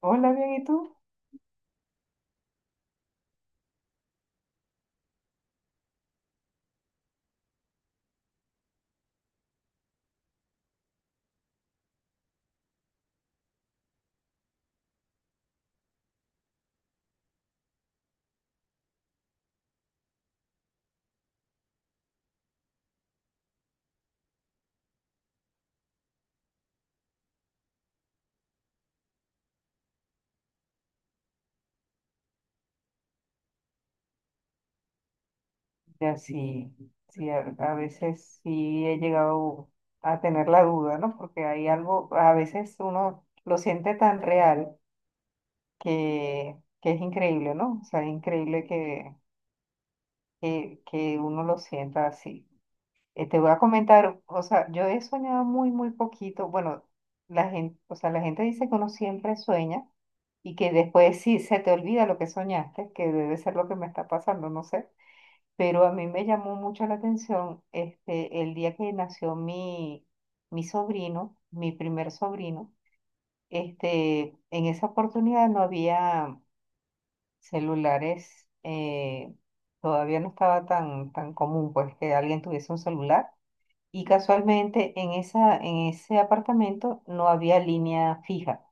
Hola, bien, ¿y tú? Ya sí, sí, a veces sí he llegado a tener la duda, ¿no? Porque hay algo, a veces uno lo siente tan real que es increíble, ¿no? O sea, es increíble que uno lo sienta así. Te voy a comentar, o sea, yo he soñado muy, muy poquito. Bueno, la gente dice que uno siempre sueña y que después sí se te olvida lo que soñaste, que debe ser lo que me está pasando, no sé. Pero a mí me llamó mucho la atención el día que nació mi sobrino, mi primer sobrino. En esa oportunidad no había celulares, todavía no estaba tan, tan común pues que alguien tuviese un celular. Y casualmente en ese apartamento no había línea fija.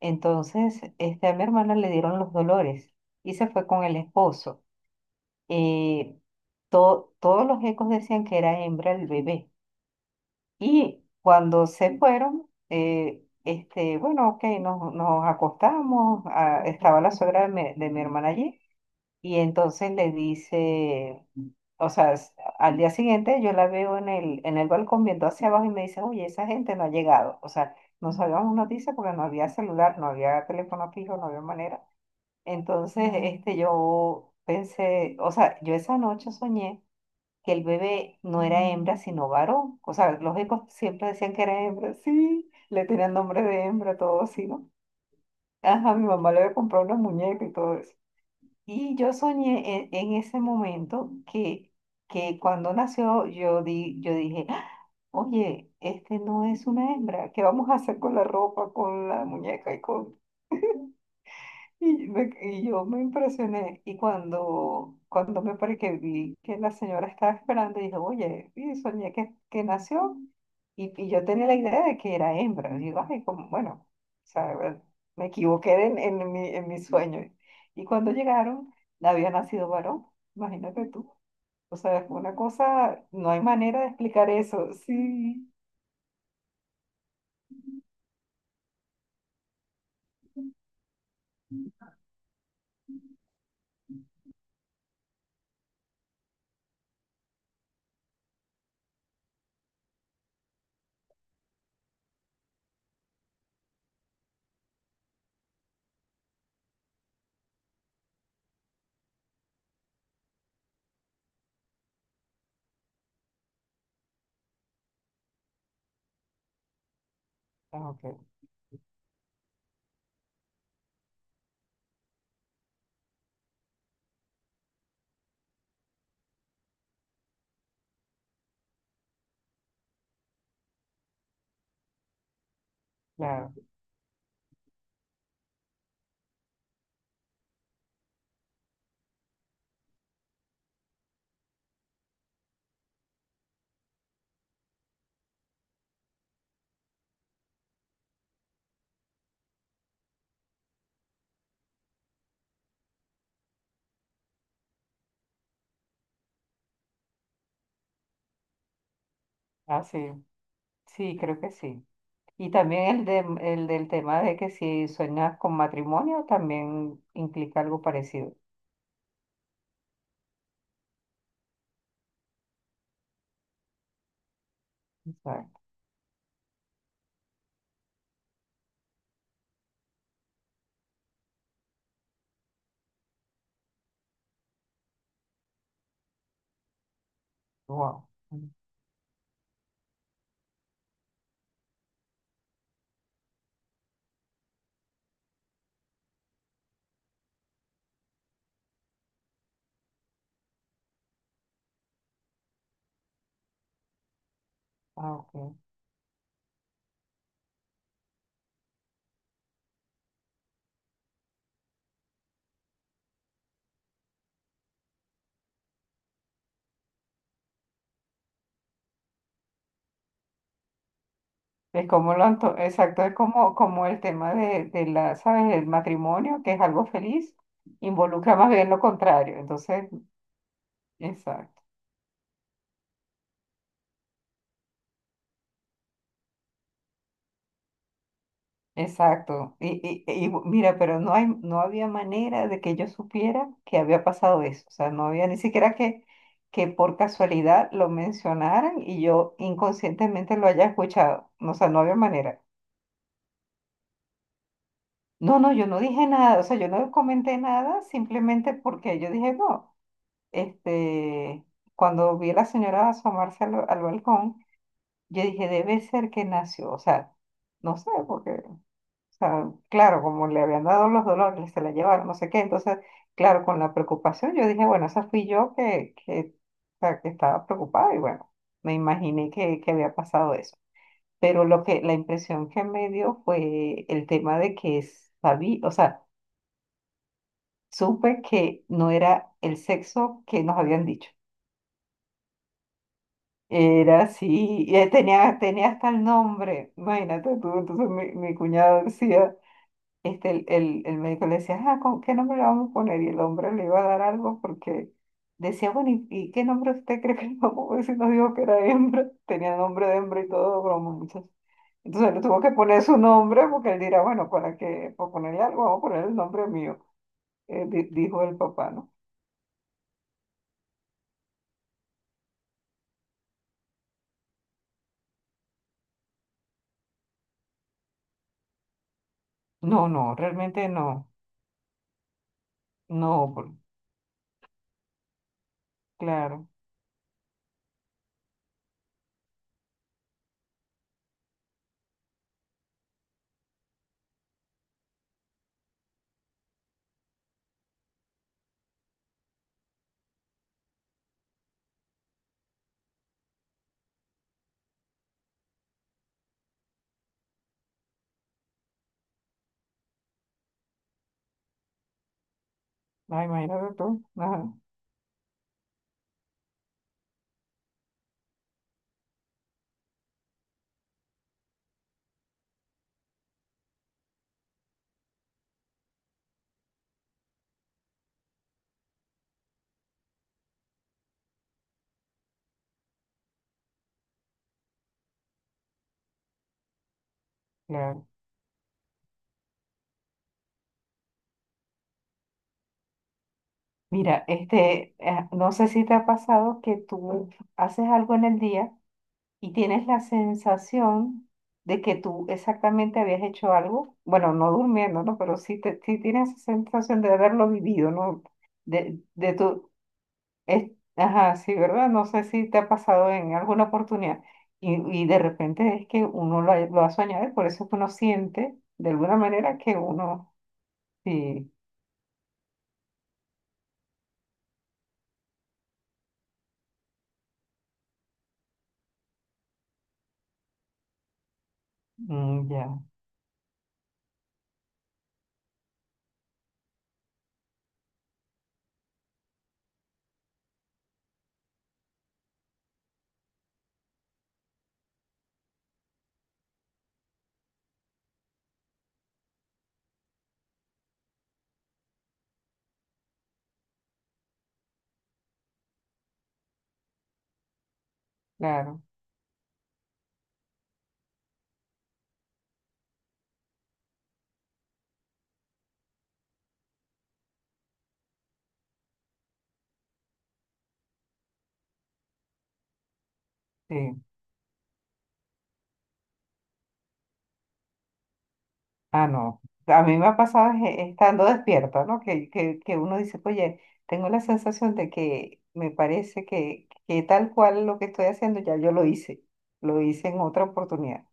Entonces, a mi hermana le dieron los dolores y se fue con el esposo, eh, todos los ecos decían que era hembra el bebé. Y cuando se fueron, bueno, ok, nos acostamos, estaba la suegra de mi hermana allí, y entonces le dice, o sea, al día siguiente yo la veo en el balcón viendo hacia abajo y me dice, oye, esa gente no ha llegado. O sea, no sabíamos noticias porque no había celular, no había teléfono fijo, no había manera. Entonces, yo pensé, o sea, yo esa noche soñé que el bebé no era hembra, sino varón. O sea, los ecos siempre decían que era hembra, sí, le tenían nombre de hembra, todo así, ¿no? Ajá, mi mamá le había comprado una muñeca y todo eso. Y yo soñé en ese momento que cuando nació yo dije, Ah, oye, este no es una hembra, ¿qué vamos a hacer con la ropa, con la muñeca y con y yo me impresioné, y cuando me paré que vi que la señora estaba esperando, dije, oye, y soñé que nació, y yo tenía la idea de que era hembra. Y digo, ay, como, bueno, o sea, bueno, me equivoqué en mi sueño. Y cuando llegaron, había nacido varón, imagínate tú. O sea, fue una cosa, no hay manera de explicar eso. Sí. Ah, ok, claro. Ah, sí, sí, creo que sí. Y también el del tema de que si sueñas con matrimonio también implica algo parecido. Exacto. Wow. Ah, ok. Es como exacto, es como, como el tema de la, ¿sabes? El matrimonio, que es algo feliz, involucra más bien lo contrario. Entonces, exacto. Exacto. Mira, pero no había manera de que yo supiera que había pasado eso. O sea, no había ni siquiera que por casualidad lo mencionaran y yo inconscientemente lo haya escuchado. No, o sea, no había manera. No, no, yo no dije nada. O sea, yo no comenté nada simplemente porque yo dije, no, este, cuando vi a la señora asomarse al balcón, yo dije, debe ser que nació. O sea, no sé, porque sea, claro, como le habían dado los dolores, se la llevaron, no sé qué. Entonces, claro, con la preocupación, yo dije, bueno, esa fui yo o sea, que estaba preocupada y bueno, me imaginé que había pasado eso. Pero la impresión que me dio fue el tema de que sabí, o sea, supe que no era el sexo que nos habían dicho. Era así, y tenía hasta el nombre, imagínate tú. Entonces mi cuñado decía, el médico le decía, ah, ¿con qué nombre le vamos a poner? Y el hombre le iba a dar algo porque decía, bueno, ¿y qué nombre usted cree que le vamos a poner si nos dijo que era hembra? Tenía nombre de hembra y todo, broma, muchachos. Entonces le tuvo que poner su nombre porque él dirá, bueno, para que, por ponerle algo, vamos a poner el nombre mío, dijo el papá, ¿no? No, no, realmente no, no, claro. Ah, imagínate tú. Ajá, claro. Mira, no sé si te ha pasado que tú haces algo en el día y tienes la sensación de que tú exactamente habías hecho algo, bueno, no durmiendo, ¿no? Pero sí, sí tienes esa sensación de haberlo vivido, ¿no? De, de tu, ajá, sí, ¿verdad? No sé si te ha pasado en alguna oportunidad, y, y de repente es que uno lo ha soñado y por eso es que uno siente de alguna manera que uno, sí, mm, ya, claro, sí. Ah, no. A mí me ha pasado estando despierta, ¿no? Que uno dice, oye, tengo la sensación de que me parece que tal cual lo que estoy haciendo ya yo lo hice en otra oportunidad.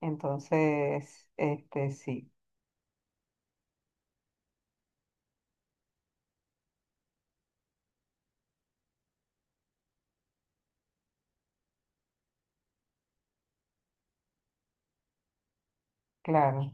Entonces, sí, claro.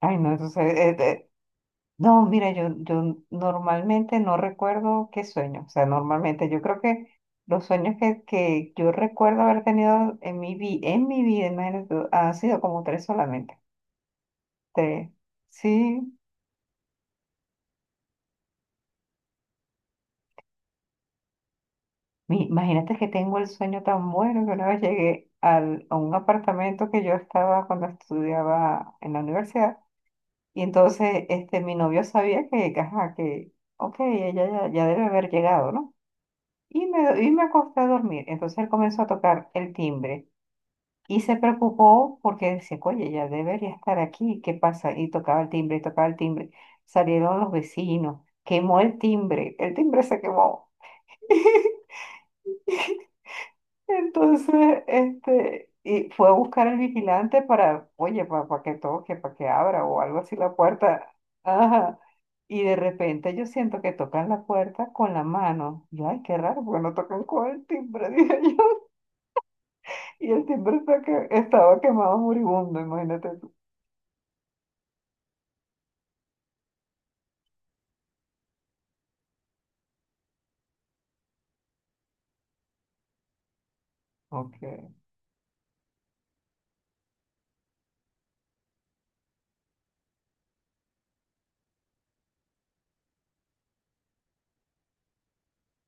Ay, no, entonces, no, mira, yo normalmente no recuerdo qué sueño. O sea, normalmente yo creo que los sueños que yo recuerdo haber tenido en mi vida, imagínate tú, han sido como 3 solamente. este Sí, imagínate que tengo el sueño tan bueno que una vez llegué a un apartamento que yo estaba cuando estudiaba en la universidad, y entonces mi novio sabía que, ajá, que, ok, ella ya debe haber llegado, ¿no? Y me acosté a dormir. Entonces él comenzó a tocar el timbre y se preocupó porque decía, oye, ella debería estar aquí, ¿qué pasa? Y tocaba el timbre, y tocaba el timbre. Salieron los vecinos, quemó el timbre se quemó. Entonces, y fue a buscar al vigilante para, oye, para, que toque, para que abra o algo así la puerta. Ajá. Y de repente yo siento que tocan la puerta con la mano. Yo, ay, qué raro, porque no tocan con el timbre, dije yo. Y el timbre estaba quemado moribundo, imagínate tú. Ok,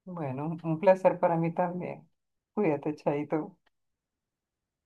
bueno, un placer para mí también. Cuídate, Chaito.